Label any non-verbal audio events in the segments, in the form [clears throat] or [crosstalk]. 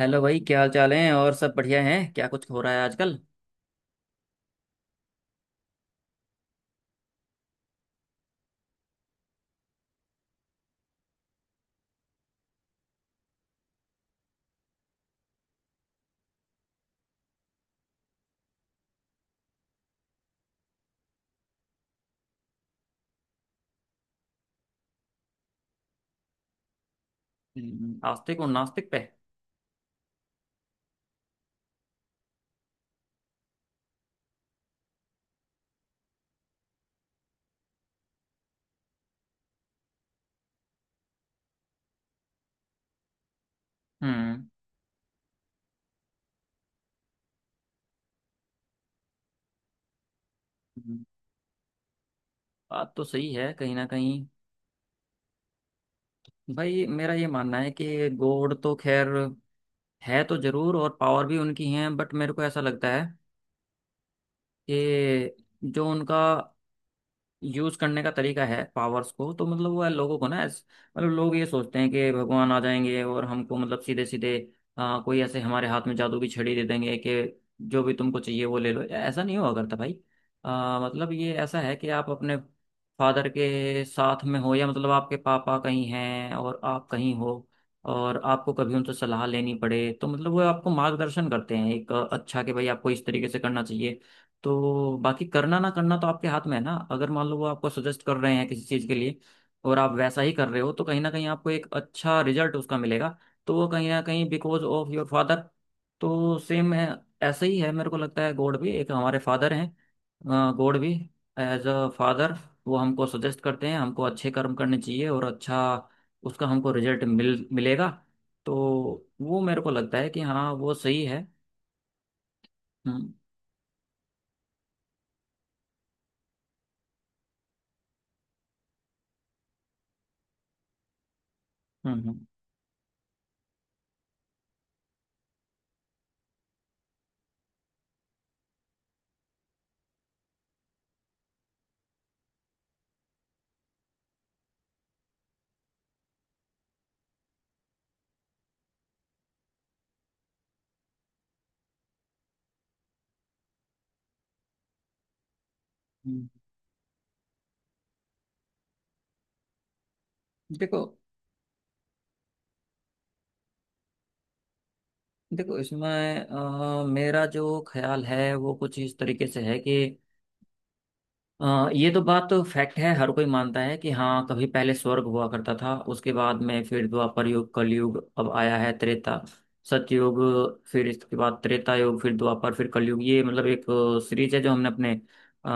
Hello भाई, क्या हाल चाल है। और सब बढ़िया है क्या? कुछ हो रहा है आजकल? आस्तिक और नास्तिक पे? हम्म। हम्म। बात तो सही है कहीं ना कहीं। भाई, मेरा ये मानना है कि गॉड तो खैर है तो जरूर, और पावर भी उनकी है, बट मेरे को ऐसा लगता है कि जो उनका यूज करने का तरीका है पावर्स को, तो मतलब वो है लोगों को, ना मतलब लोग ये सोचते हैं कि भगवान आ जाएंगे और हमको मतलब सीधे सीधे कोई ऐसे हमारे हाथ में जादू की छड़ी दे देंगे कि जो भी तुमको चाहिए वो ले लो। ऐसा नहीं हुआ करता भाई। मतलब ये ऐसा है कि आप अपने फादर के साथ में हो, या मतलब आपके पापा कहीं हैं और आप कहीं हो, और आपको कभी उनसे सलाह लेनी पड़े तो मतलब वो आपको मार्गदर्शन करते हैं एक अच्छा कि भाई आपको इस तरीके से करना चाहिए। तो बाकी करना ना करना तो आपके हाथ में है ना। अगर मान लो वो आपको सजेस्ट कर रहे हैं किसी चीज़ के लिए और आप वैसा ही कर रहे हो, तो कहीं ना कहीं आपको एक अच्छा रिजल्ट उसका मिलेगा। तो वो कहीं ना कहीं बिकॉज ऑफ योर फादर। तो सेम ऐसा ही है मेरे को लगता है, गॉड भी एक हमारे फादर हैं। गॉड भी एज अ फादर वो हमको सजेस्ट करते हैं, हमको अच्छे कर्म करने चाहिए और अच्छा उसका हमको रिजल्ट मिलेगा। तो वो मेरे को लगता है कि हाँ, वो सही है। हम्म। हम्म। हम्म। हम्म। देखो देखो इसमें मेरा जो ख्याल है वो कुछ इस तरीके से है कि ये तो बात तो फैक्ट है, हर कोई मानता है कि हाँ, कभी पहले स्वर्ग हुआ करता था, उसके बाद में फिर द्वापर युग कलयुग अब आया है। त्रेता सतयुग फिर इसके बाद त्रेता युग फिर द्वापर फिर कलयुग, ये मतलब एक सीरीज है जो हमने अपने अ,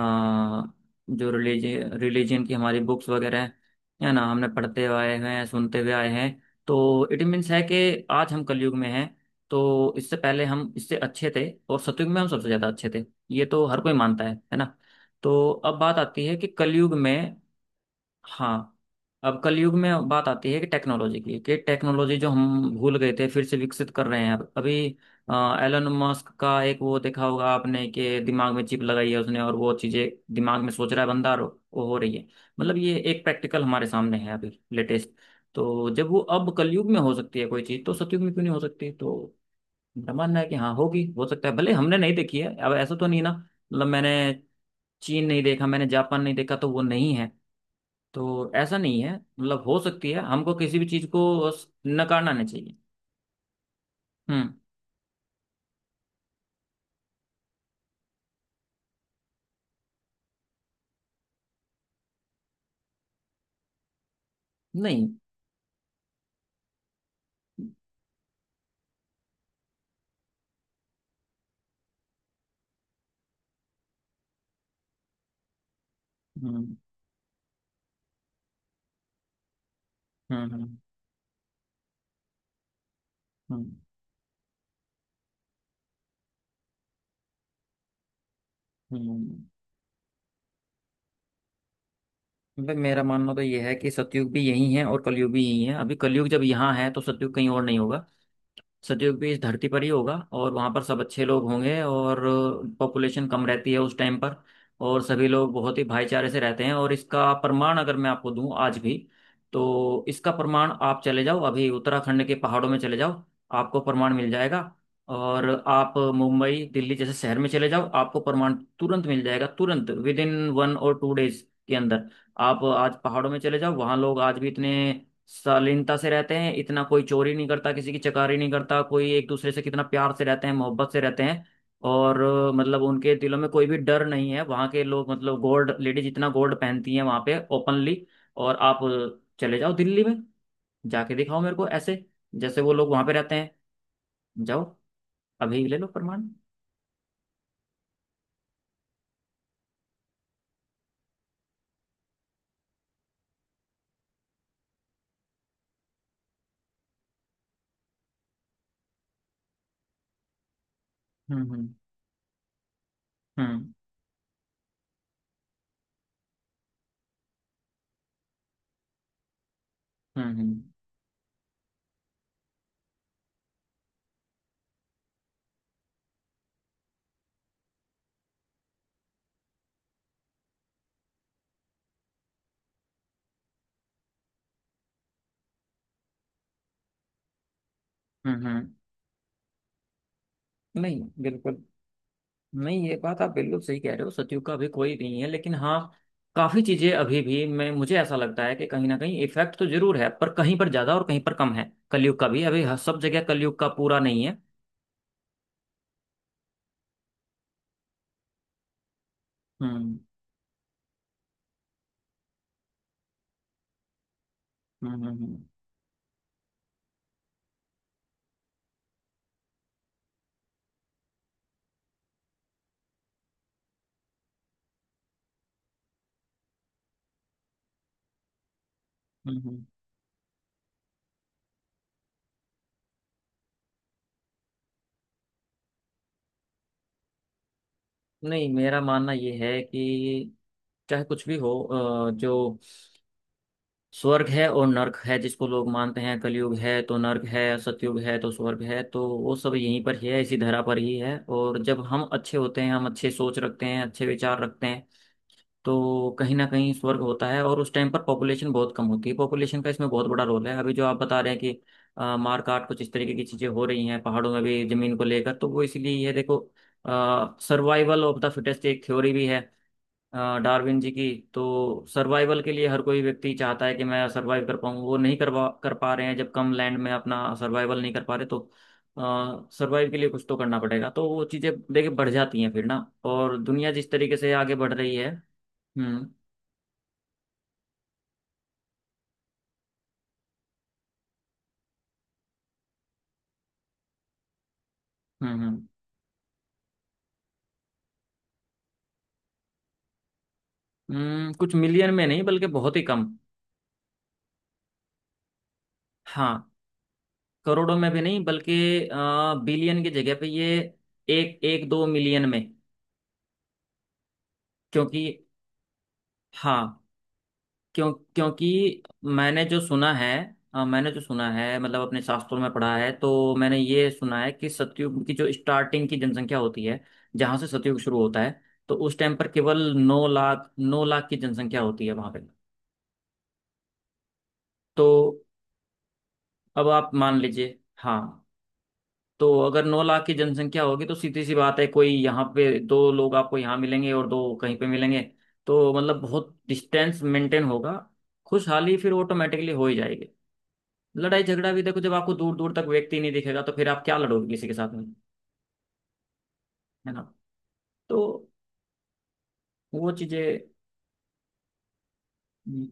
जो रिलीजन रिलीजन की हमारी बुक्स वगैरह हैं, है ना, हमने पढ़ते आए हैं, सुनते हुए आए हैं। तो इट मीन्स है कि आज हम कलयुग में हैं। तो इससे पहले हम इससे अच्छे थे, और सतयुग में हम सबसे ज्यादा अच्छे थे। ये तो हर कोई मानता है ना। तो अब बात आती है कि कलयुग में। हाँ, अब कलयुग में बात आती है कि टेक्नोलॉजी की, कि टेक्नोलॉजी जो हम भूल गए थे फिर से विकसित कर रहे हैं। अब अभी एलन मस्क का एक वो देखा होगा आपने कि दिमाग में चिप लगाई है उसने, और वो चीजें दिमाग में सोच रहा है बंदा और वो हो रही है। मतलब ये एक प्रैक्टिकल हमारे सामने है अभी, लेटेस्ट। तो जब वो अब कलयुग में हो सकती है कोई चीज, तो सतयुग में क्यों नहीं हो सकती। तो मेरा मानना है कि हाँ, होगी। हो सकता है भले हमने नहीं देखी है, अब ऐसा तो नहीं ना, मतलब मैंने चीन नहीं देखा, मैंने जापान नहीं देखा तो वो नहीं है। तो ऐसा नहीं है, मतलब हो सकती है। हमको किसी भी चीज को नकारना नहीं चाहिए। हम्म। नहीं। हम्म। हम्म। हम्म। हम्म। हम्म। भाई मेरा मानना तो ये है कि सतयुग भी यही है और कलयुग भी यही है। अभी कलयुग जब यहाँ है तो सतयुग कहीं और नहीं होगा। सतयुग भी इस धरती पर ही होगा और वहाँ पर सब अच्छे लोग होंगे, और पॉपुलेशन कम रहती है उस टाइम पर, और सभी लोग बहुत ही भाईचारे से रहते हैं। और इसका प्रमाण अगर मैं आपको दूं आज भी, तो इसका प्रमाण आप चले जाओ अभी उत्तराखंड के पहाड़ों में, चले जाओ आपको प्रमाण मिल जाएगा। और आप मुंबई दिल्ली जैसे शहर में चले जाओ, आपको प्रमाण तुरंत मिल जाएगा, तुरंत विद इन 1 और 2 डेज के अंदर। आप आज पहाड़ों में चले जाओ, वहाँ लोग आज भी इतने शालीनता से रहते हैं, इतना कोई चोरी नहीं करता, किसी की चकारी नहीं करता, कोई एक दूसरे से कितना प्यार से रहते हैं, मोहब्बत से रहते हैं। और मतलब उनके दिलों में कोई भी डर नहीं है। वहाँ के लोग, मतलब गोल्ड लेडीज इतना गोल्ड पहनती हैं वहाँ पे ओपनली। और आप चले जाओ दिल्ली में, जाके दिखाओ मेरे को ऐसे जैसे वो लोग वहाँ पे रहते हैं। जाओ, अभी ले लो प्रमाण। हम्म। हम्म। हम्म। हम्म। हम्म। हम्म। हम्म। नहीं, बिल्कुल नहीं, ये बात आप बिल्कुल सही कह रहे हो। सतयुग का अभी कोई नहीं है, लेकिन हाँ, काफी चीजें अभी भी मैं, मुझे ऐसा लगता है कि कहीं ना कहीं इफेक्ट तो जरूर है, पर कहीं पर ज्यादा और कहीं पर कम है। कलयुग का भी अभी सब जगह कलयुग का पूरा नहीं है। हम्म। हम्म। हम्म। हम्म। हम्म। हम्म। नहीं मेरा मानना ये है कि चाहे कुछ भी हो, जो स्वर्ग है और नर्क है जिसको लोग मानते हैं, कलयुग है तो नर्क है, सतयुग है तो स्वर्ग है, तो वो सब यहीं पर ही है, इसी धरा पर ही है। और जब हम अच्छे होते हैं, हम अच्छे सोच रखते हैं, अच्छे विचार रखते हैं, तो कहीं ना कहीं स्वर्ग होता है। और उस टाइम पर पॉपुलेशन बहुत कम होती है, पॉपुलेशन का इसमें बहुत बड़ा रोल है। अभी जो आप बता रहे हैं कि मार काट कुछ इस तरीके की चीजें हो रही हैं पहाड़ों में भी जमीन को लेकर, तो वो इसीलिए। ये देखो, सर्वाइवल ऑफ द फिटेस्ट एक थ्योरी भी है डार्विन जी की। तो सर्वाइवल के लिए हर कोई व्यक्ति चाहता है कि मैं सर्वाइव कर पाऊँ, वो नहीं करवा कर पा रहे हैं। जब कम लैंड में अपना सर्वाइवल नहीं कर पा रहे, तो सर्वाइव के लिए कुछ तो करना पड़ेगा। तो वो चीजें देखिए बढ़ जाती हैं फिर ना। और दुनिया जिस तरीके से आगे बढ़ रही है। हम्म। हम्म। हम्म। कुछ मिलियन में नहीं, बल्कि बहुत ही कम। हाँ, करोड़ों में भी नहीं, बल्कि बिलियन की जगह पे ये एक एक 2 मिलियन में। क्योंकि, हाँ, क्यों? क्योंकि मैंने जो सुना है, मैंने जो सुना है मतलब अपने शास्त्रों में पढ़ा है, तो मैंने ये सुना है कि सतयुग की जो स्टार्टिंग की जनसंख्या होती है, जहाँ से सतयुग शुरू होता है, तो उस टाइम पर केवल 9 लाख 9 लाख की जनसंख्या होती है वहां पे। तो अब आप मान लीजिए, हाँ, तो अगर 9 लाख की जनसंख्या होगी तो सीधी सी बात है, कोई यहाँ पे दो लोग आपको यहाँ मिलेंगे और दो कहीं पे मिलेंगे। तो मतलब बहुत डिस्टेंस मेंटेन होगा। खुशहाली फिर ऑटोमेटिकली हो ही जाएगी। लड़ाई झगड़ा भी देखो, जब आपको दूर दूर तक व्यक्ति नहीं दिखेगा तो फिर आप क्या लड़ोगे किसी के साथ में। है ना। तो वो चीजें। हम्म।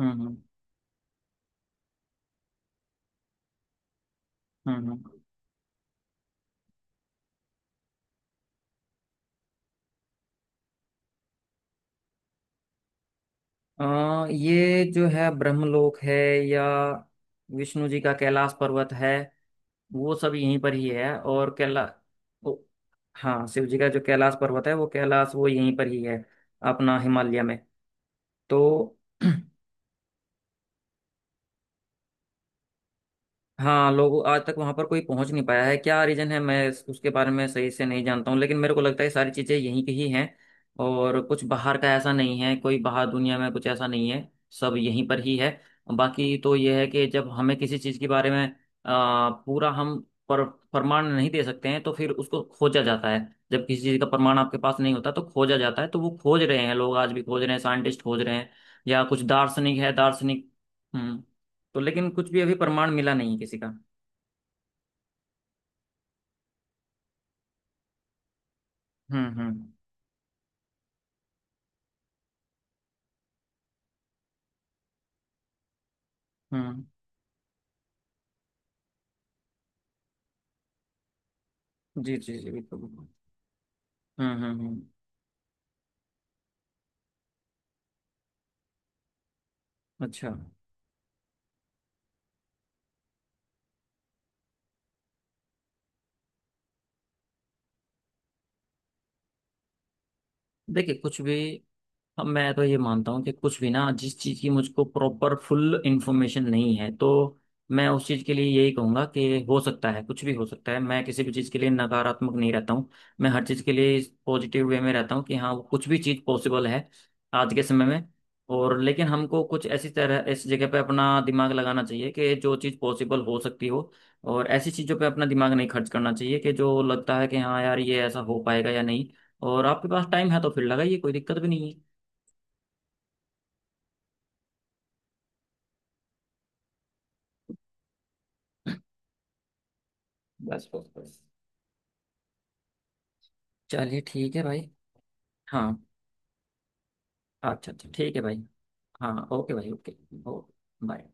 हम्म। हम्म। हम्म। ये जो है ब्रह्मलोक है या विष्णु जी का कैलाश पर्वत है, वो सब यहीं पर ही है। और कैला वो- हाँ, शिव जी का जो कैलाश पर्वत है, वो कैलाश वो यहीं पर ही है, अपना हिमालय में। तो [clears throat] हाँ, लोग आज तक वहां पर कोई पहुंच नहीं पाया है, क्या रीजन है मैं उसके बारे में सही से नहीं जानता हूँ। लेकिन मेरे को लगता है सारी चीजें यहीं की ही हैं, और कुछ बाहर का ऐसा नहीं है, कोई बाहर दुनिया में कुछ ऐसा नहीं है, सब यहीं पर ही है। बाकी तो यह है कि जब हमें किसी चीज के बारे में पूरा हम पर प्रमाण नहीं दे सकते हैं, तो फिर उसको खोजा जाता है। जब किसी चीज का प्रमाण आपके पास नहीं होता तो खोजा जाता है, तो वो खोज रहे हैं। लोग आज भी खोज रहे हैं, साइंटिस्ट खोज रहे हैं, या कुछ दार्शनिक है, दार्शनिक। हम्म। तो लेकिन कुछ भी अभी प्रमाण मिला नहीं है किसी का। हम्म। हम्म। हम्म। जी जी जी, बिल्कुल बिल्कुल। हम्म। हम्म। हम्म। अच्छा। देखिए कुछ भी। अब मैं तो ये मानता हूँ कि कुछ भी ना, जिस चीज़ की मुझको प्रॉपर फुल इंफॉर्मेशन नहीं है, तो मैं उस चीज़ के लिए यही कहूँगा कि हो सकता है, कुछ भी हो सकता है। मैं किसी भी चीज़ के लिए नकारात्मक नहीं रहता हूँ, मैं हर चीज़ के लिए पॉजिटिव वे में रहता हूँ कि हाँ, कुछ भी चीज़ पॉसिबल है आज के समय में। और लेकिन हमको कुछ ऐसी तरह ऐसी जगह पे अपना दिमाग लगाना चाहिए कि जो चीज़ पॉसिबल हो सकती हो। और ऐसी चीज़ों पे अपना दिमाग नहीं खर्च करना चाहिए कि जो लगता है कि हाँ यार, ये ऐसा हो पाएगा या नहीं। और आपके पास टाइम है तो फिर लगाइए, कोई दिक्कत भी नहीं है। बस, बस, बस। चलिए ठीक है भाई। हाँ। अच्छा अच्छा, ठीक है भाई। हाँ, ओके भाई, ओके। ओ। बाय।